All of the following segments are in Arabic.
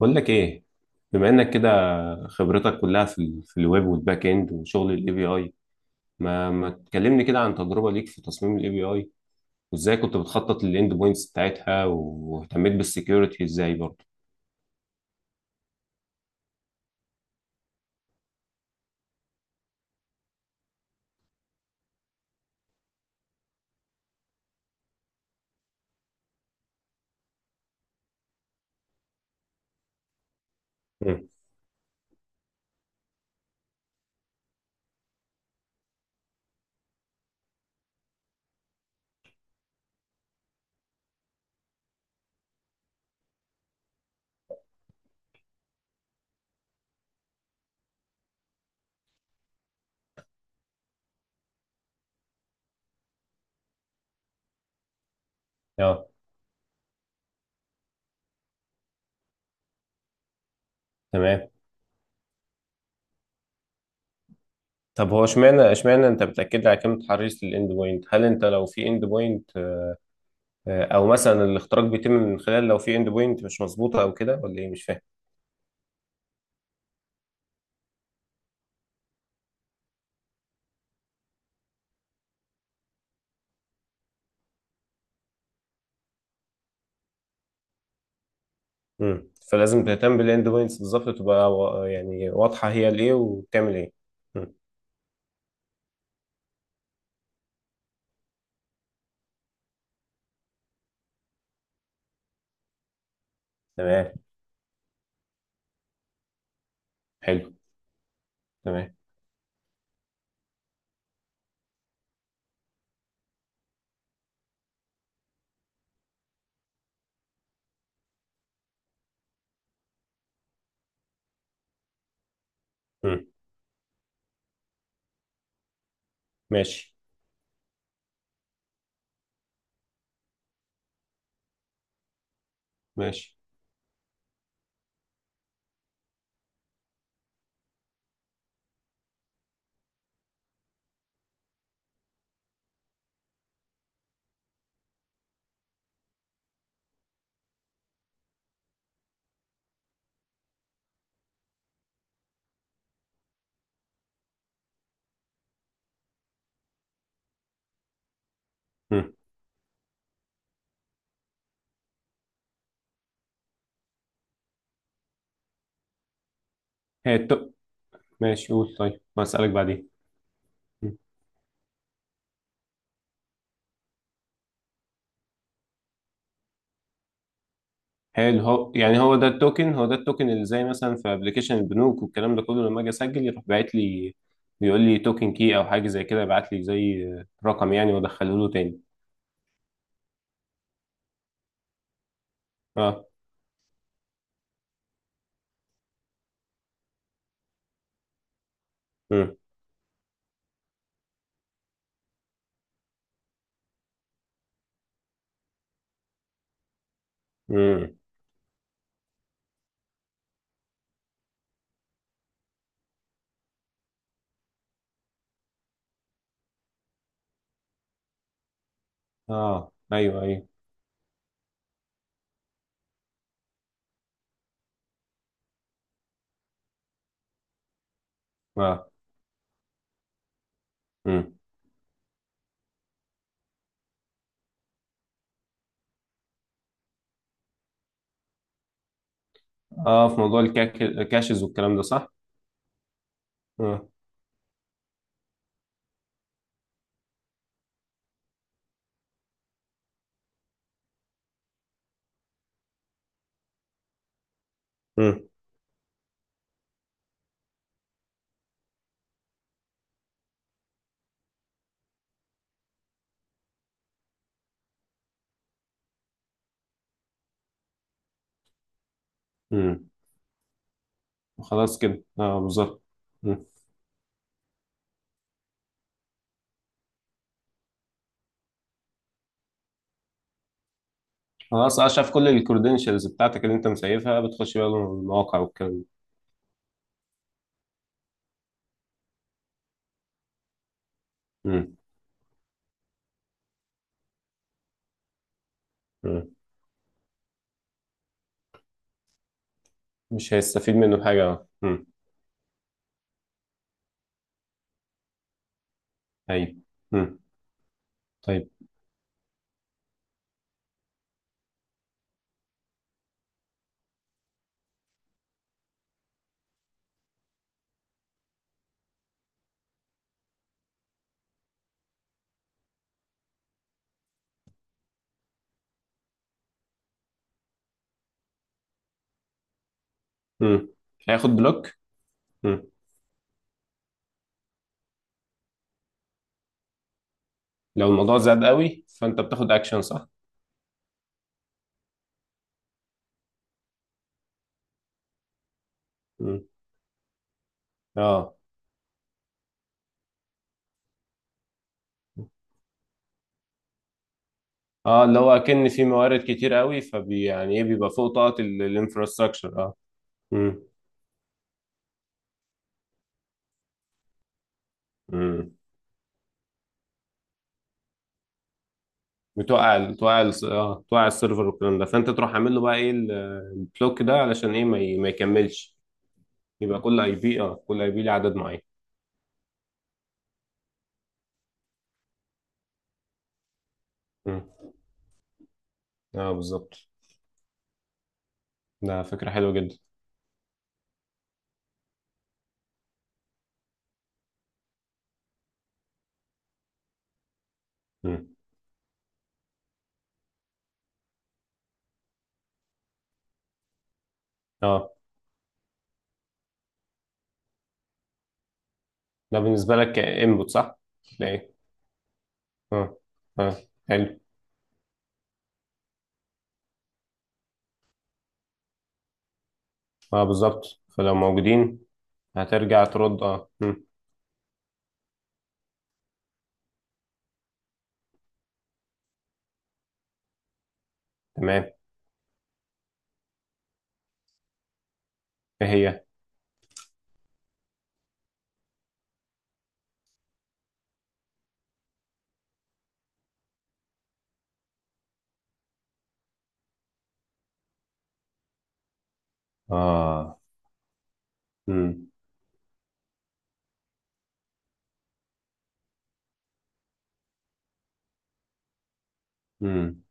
بقول لك ايه، بما انك كده خبرتك كلها في ال في الويب والباك اند وشغل الاي بي اي، ما تكلمني كده عن تجربه ليك في تصميم الاي بي اي، وازاي كنت بتخطط للاند بوينتس بتاعتها واهتميت بالسكيورتي ازاي برضه. امم. اه. تمام. طب هو اشمعنى انت بتاكد لي على كلمه حريص للاند بوينت؟ هل انت لو في اند بوينت، او مثلا الاختراق بيتم من خلال لو في اند بوينت مش مظبوطه او كده، ولا ايه؟ مش فاهم. امم، فلازم تهتم بالاند بوينتس بالظبط، تبقى يعني واضحه هي الايه وبتعمل ايه. مم. تمام. حلو. تمام. مم. ماشي. ماشي. مم. هي التو... ماشي، قول، طيب هسألك بعدين. مم. حلو. هو يعني هو ده التوكن اللي زي مثلا في ابلكيشن البنوك والكلام ده كله، لما اجي اسجل يروح باعت لي، بيقول لي توكن كي او حاجه زي كده، يبعت لي زي رقم يعني، وادخله له تاني. اه. مم. مم. اه، ايوه ايوه. اه. مم. اه، في موضوع الكاشز والكلام ده، صح؟ اه. مم. مم. خلاص كده، اه بالظبط. خلاص اه، شاف كل الكredentials بتاعتك اللي انت مسيفها، بتخش بقى المواقع والكلام ده. مم. مم. مش هيستفيد منه حاجة. مم. ايوه. مم. طيب. مم. هياخد بلوك. مم. لو الموضوع زاد قوي فانت بتاخد اكشن، صح؟ مم. اه اه، اللي هو اكن في موارد كتير قوي فبي يعني ايه، بيبقى فوق طاقة الانفراستراكشر. اه. مم. مم. بتوقع ال- بتوقع ال- اه بتوقع السيرفر والكلام ده، فانت تروح عامل له بقى ايه ال- البلوك ده علشان ايه ما يكملش. يبقى كل اي بي، اه، كل اي بي له عدد معين. مم. اه بالظبط. ده فكرة حلوة جدا. مم. اه. ده بالنسبة لك انبوت، صح؟ تلاقي. اه. اه. حلو. اه، بالظبط. فلو موجودين هترجع ترد. اه. مم. تمام. ايه هي؟ اه. مم. مم.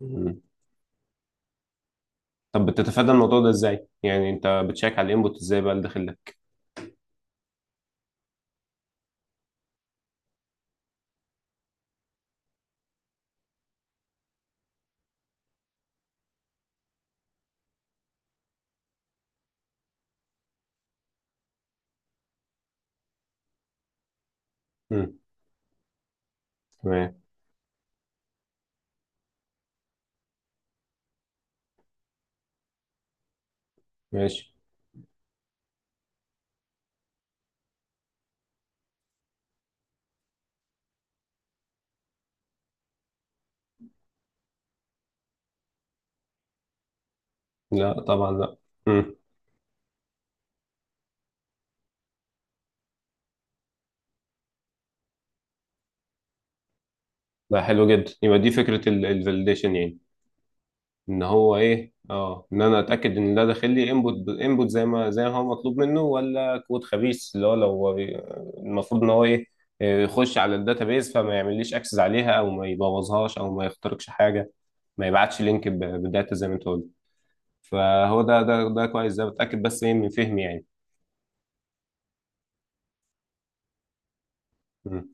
مم. طب بتتفادى الموضوع ده ازاي؟ يعني انت بتشيك على الانبوت ازاي بقى اللي داخل لك؟ مم. تمام. ماشي. لا طبعا، لا. مم. ده حلو جدا، يبقى دي فكرة الفاليديشن يعني. ان هو ايه، اه، ان انا اتاكد ان ده داخل لي انبوت زي ما هو مطلوب منه، ولا كود خبيث اللي هو لو المفروض ان هو ايه، آه، يخش على الداتابيز فما يعمليش اكسس عليها، او ما يبوظهاش، او ما يخترقش حاجه، ما يبعتش لينك بداتا زي ما انت قلت. فهو ده كويس، ده بتاكد بس ايه من فهمي يعني. مم.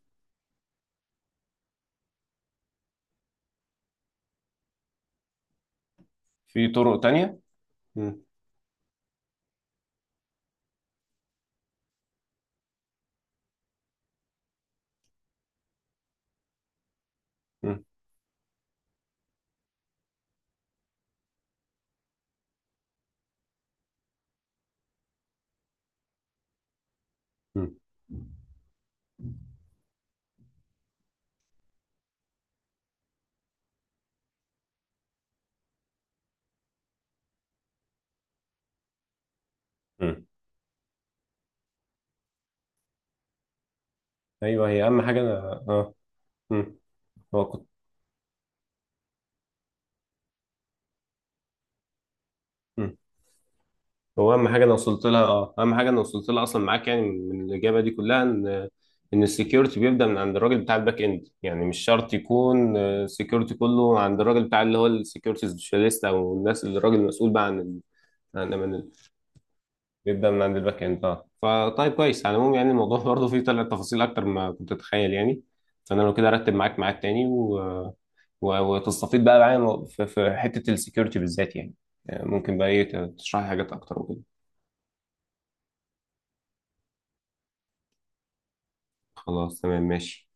في طرق تانية. مم. مم. مم. مم. ايوه، هي اهم حاجه انا، اه. مم. هو كنت هو اهم حاجه انا وصلت لها اه اهم حاجه انا وصلت لها اصلا معاك يعني، من الاجابه دي كلها، ان السكيورتي بيبدا من عند الراجل بتاع الباك اند، يعني مش شرط يكون السكيورتي كله عند الراجل بتاع اللي هو السكيورتي سبيشاليست، او الناس اللي الراجل المسؤول بقى عن امان بيبدا من عند الباك اند. اه، فطيب كويس. على العموم يعني، الموضوع برضه فيه، طلع تفاصيل اكتر ما كنت اتخيل يعني. فانا لو كده ارتب معاك ميعاد تاني، وتستفيد بقى معايا في حته السكيورتي بالذات يعني. آه، ممكن بقى ايه تشرح لي حاجات اكتر وكده. خلاص، تمام، ماشي.